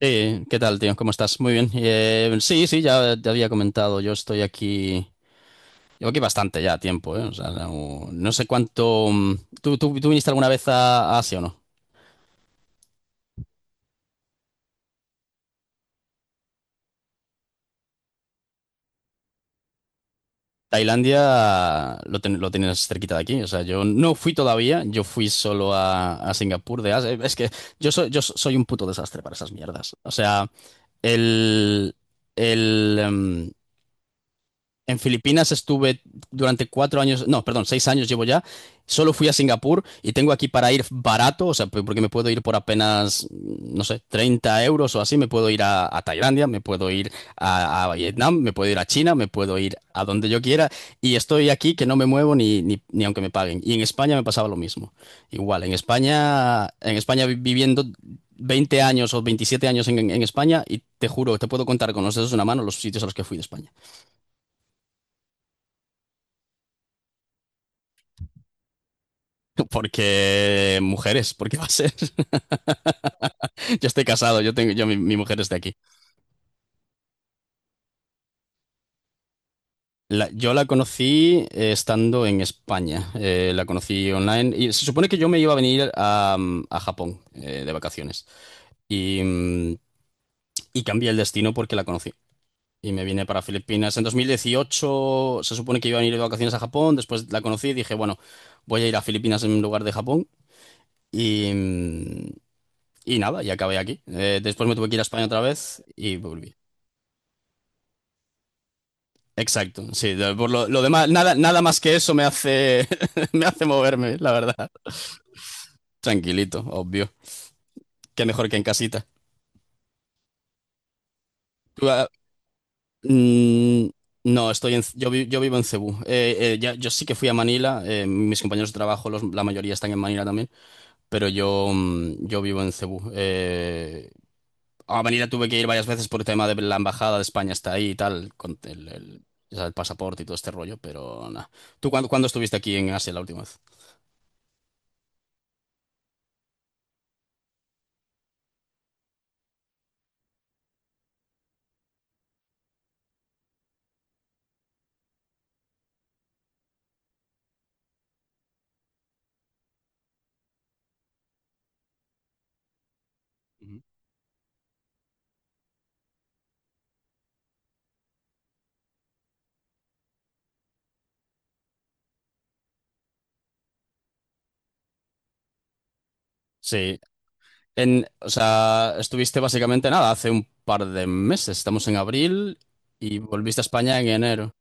Sí, ¿qué tal, tío? ¿Cómo estás? Muy bien. Sí, sí, ya te había comentado. Yo estoy aquí. Llevo aquí bastante ya tiempo, ¿eh? O sea, no, no sé cuánto. ¿Tú viniste alguna vez a Asia o no? Tailandia lo tienes cerquita de aquí. O sea, yo no fui todavía. Yo fui solo a Singapur de Asia. Es que yo soy un puto desastre para esas mierdas. O sea, el. El. em, en Filipinas estuve durante cuatro años, no, perdón, 6 años llevo ya. Solo fui a Singapur y tengo aquí para ir barato, o sea, porque me puedo ir por apenas, no sé, 30 euros o así. Me puedo ir a Tailandia, me puedo ir a Vietnam, me puedo ir a China, me puedo ir a donde yo quiera. Y estoy aquí que no me muevo ni aunque me paguen. Y en España me pasaba lo mismo. Igual, en España viviendo 20 años o 27 años en España y te juro, te puedo contar con los dedos de una mano los sitios a los que fui de España. Porque mujeres, porque va a ser. Yo estoy casado, yo tengo, yo, mi mujer es de aquí. Yo la conocí estando en España. La conocí online. Y se supone que yo me iba a venir a Japón de vacaciones. Y, mm, y cambié el destino porque la conocí. Y me vine para Filipinas. En 2018. Se supone que iba a venir de vacaciones a Japón. Después la conocí y dije, bueno, voy a ir a Filipinas en lugar de Japón. Y, mm, y nada, y acabé aquí. Después me tuve que ir a España otra vez y volví. Exacto, sí, por lo demás, nada, nada más que eso me hace, me hace moverme, la verdad. Tranquilito, obvio. Qué mejor que en casita. Tú, ah, mm, no, estoy en, yo, vi- yo vivo en Cebú. Yo sí que fui a Manila, mis compañeros de trabajo, la mayoría están en Manila también, pero yo, yo vivo en Cebú. A Manila tuve que ir varias veces por el tema de la embajada de España está ahí y tal, con ya sabes, el pasaporte y todo este rollo, pero nada. ¿Tú cuándo estuviste aquí en Asia la última vez? Ujú. Sí, en, o sea, estuviste básicamente nada, hace un par de meses, estamos en abril y volviste a España en enero.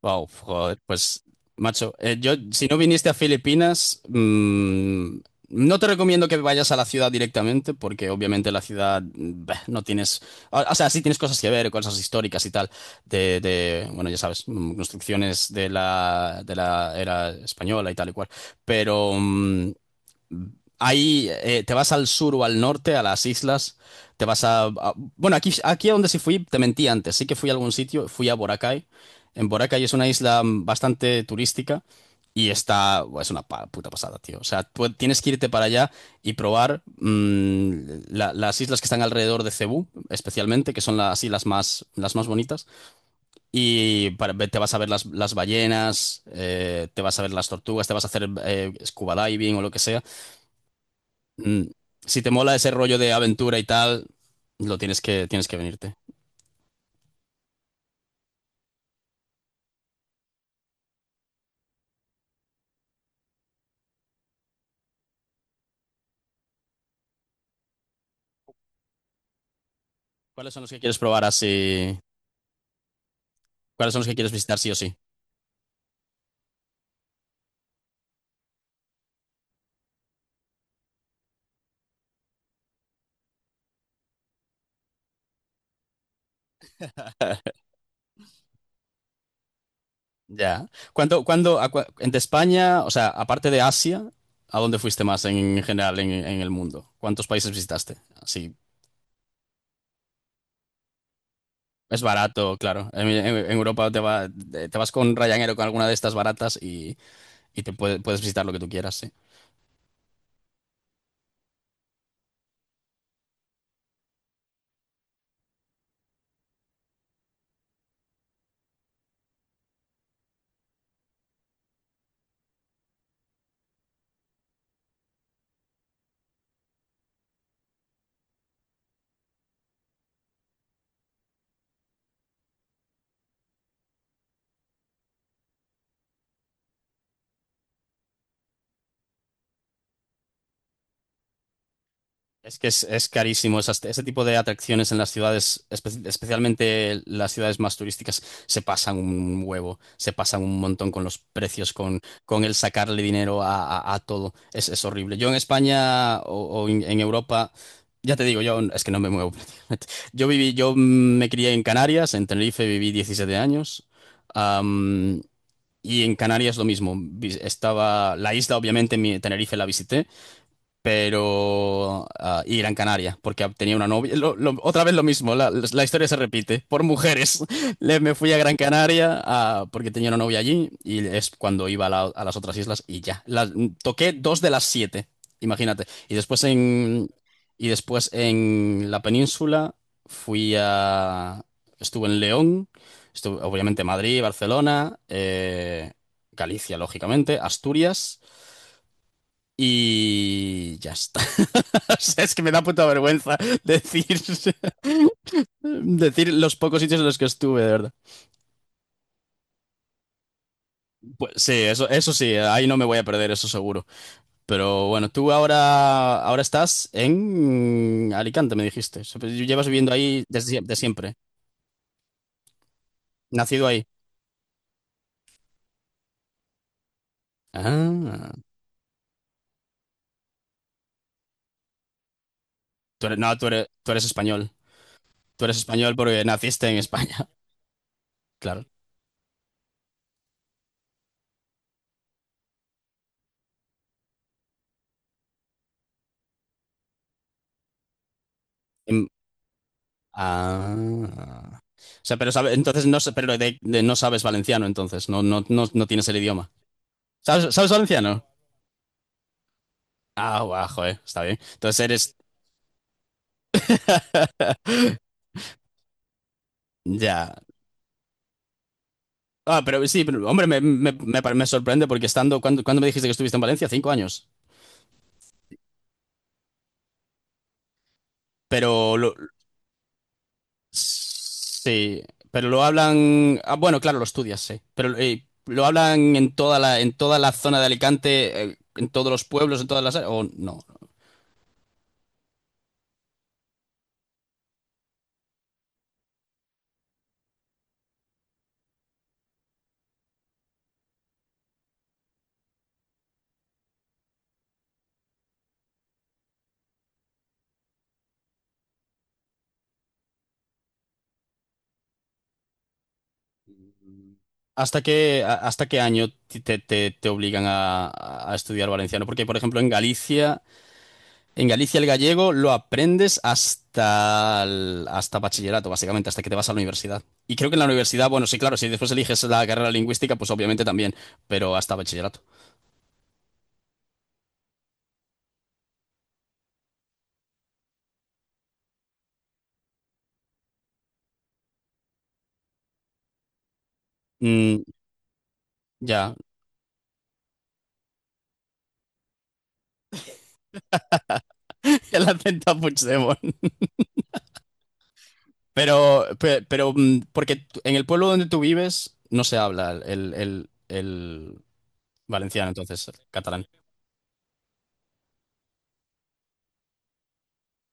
Wow, joder, pues macho, yo si no viniste a Filipinas, no te recomiendo que vayas a la ciudad directamente porque obviamente la ciudad bah, no tienes, o sea, sí tienes cosas que ver, cosas históricas y tal, bueno, ya sabes, construcciones de la era española y tal y cual, pero ahí te vas al sur o al norte, a las islas, te vas bueno, aquí a donde sí fui, te mentí antes, sí que fui a algún sitio, fui a Boracay. En Boracay es una isla bastante turística y está... buah, es una puta pasada, tío. O sea, tú tienes que irte para allá y probar las islas que están alrededor de Cebú, especialmente, que son las islas más, las más bonitas. Y te vas a ver las ballenas, te vas a ver las tortugas, te vas a hacer scuba diving o lo que sea. Mm, Si te mola ese rollo de aventura y tal, lo tienes que venirte. ¿Cuáles son los que quieres probar así? ¿Cuáles son los que quieres visitar sí o sí? Ya. ¿En de España, o sea, aparte de Asia, ¿a dónde fuiste más general en el mundo? ¿Cuántos países visitaste? Así, es barato, claro. En Europa te vas con Ryanair o con alguna de estas baratas y puedes visitar lo que tú quieras, sí. Es que es carísimo. Ese tipo de atracciones en las ciudades, especialmente las ciudades más turísticas, se pasan un huevo, se pasan un montón con los precios, con el sacarle dinero a todo. Es horrible. Yo en España en Europa, ya te digo, yo es que no me muevo prácticamente. Yo me crié en Canarias, en Tenerife viví 17 años. am, y en Canarias lo mismo. Estaba la isla, obviamente, mi Tenerife la visité pero y Gran Canaria, porque tenía una novia. Otra vez lo mismo, la historia se repite, por mujeres. Me fui a Gran Canaria porque tenía una novia allí y es cuando iba a las otras islas y ya. Toqué dos de las siete, imagínate. Y después en la península fui a... Estuve en León, estuve obviamente Madrid, Barcelona, Galicia, lógicamente, Asturias. Y ya está. O sea, es que me da puta vergüenza decir, decir los pocos sitios en los que estuve, de verdad. Pues sí, eso sí, ahí no me voy a perder, eso seguro. Pero bueno, ahora estás en Alicante, me dijiste. O sea, pues llevas viviendo ahí desde de siempre. Nacido ahí. Ah, tú eres, no, tú eres español. Tú eres español porque naciste en España. Claro. Em, ah. O sea, pero sabe, entonces no, pero no sabes valenciano, entonces, no tienes el idioma. Sabes valenciano? Ah, guau, joder, está bien. Entonces eres... Ya. Ah, pero sí, pero, hombre, me sorprende porque estando... cuándo me dijiste que estuviste en Valencia? 5 años. Pero lo... Sí, pero lo hablan... Ah, bueno, claro, lo estudias, sí. Pero lo hablan en toda en toda la zona de Alicante, en todos los pueblos, en todas las... áreas, ¿o no? ¿Hasta qué, hasta qué año te obligan a estudiar valenciano? Porque, por ejemplo, en Galicia el gallego lo aprendes hasta, hasta bachillerato, básicamente, hasta que te vas a la universidad. Y creo que en la universidad, bueno, sí, claro, si después eliges la carrera lingüística, pues obviamente también, pero hasta bachillerato. Mm, ya, el acento a Puigdemont. Pero, porque en el pueblo donde tú vives no se habla el valenciano, entonces, catalán.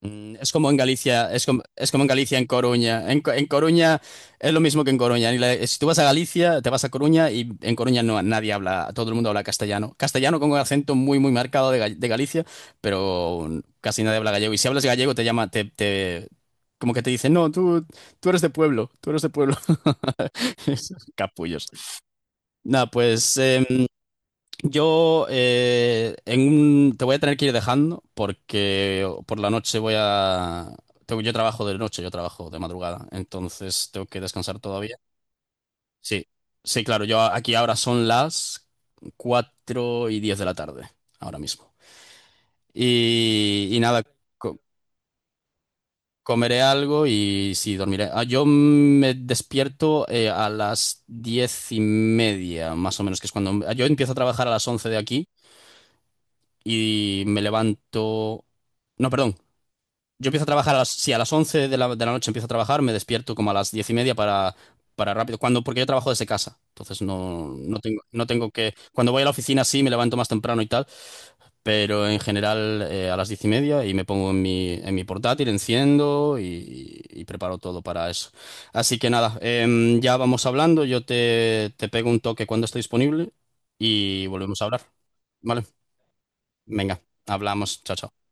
Es como en Galicia, es como en Galicia, en Coruña. En Coruña es lo mismo que en Coruña. Ni la- Si tú vas a Galicia, te vas a Coruña y en Coruña no, nadie habla, todo el mundo habla castellano. Castellano con un acento muy, muy marcado de Galicia, pero casi nadie habla gallego. Y si hablas gallego, te llama, te- como que te dicen, no, tú eres de pueblo, tú eres de pueblo. Capullos. Nada, pues yo te voy a tener que ir dejando porque por la noche voy a... yo trabajo de noche, yo trabajo de madrugada, entonces tengo que descansar todavía. Sí, sí, claro, yo aquí ahora son las 4:10 de la tarde, ahora mismo. Y nada, co- comeré algo y sí, dormiré. Ah, yo me despierto a las 10:30, más o menos, que es cuando... ah, yo empiezo a trabajar a las 11 de aquí. Y me levanto... No, perdón. Yo empiezo a trabajar a las... Sí, a las 11 de de la noche empiezo a trabajar, me despierto como a las 10:30 para rápido. Cuando, porque yo trabajo desde casa, entonces no tengo, no tengo que... Cuando voy a la oficina sí, me levanto más temprano y tal, pero en general a las 10:30 y me pongo en en mi portátil, enciendo y preparo todo para eso. Así que nada, ya vamos hablando, te pego un toque cuando esté disponible y volvemos a hablar. ¿Vale? Venga, hablamos. Chao, chao.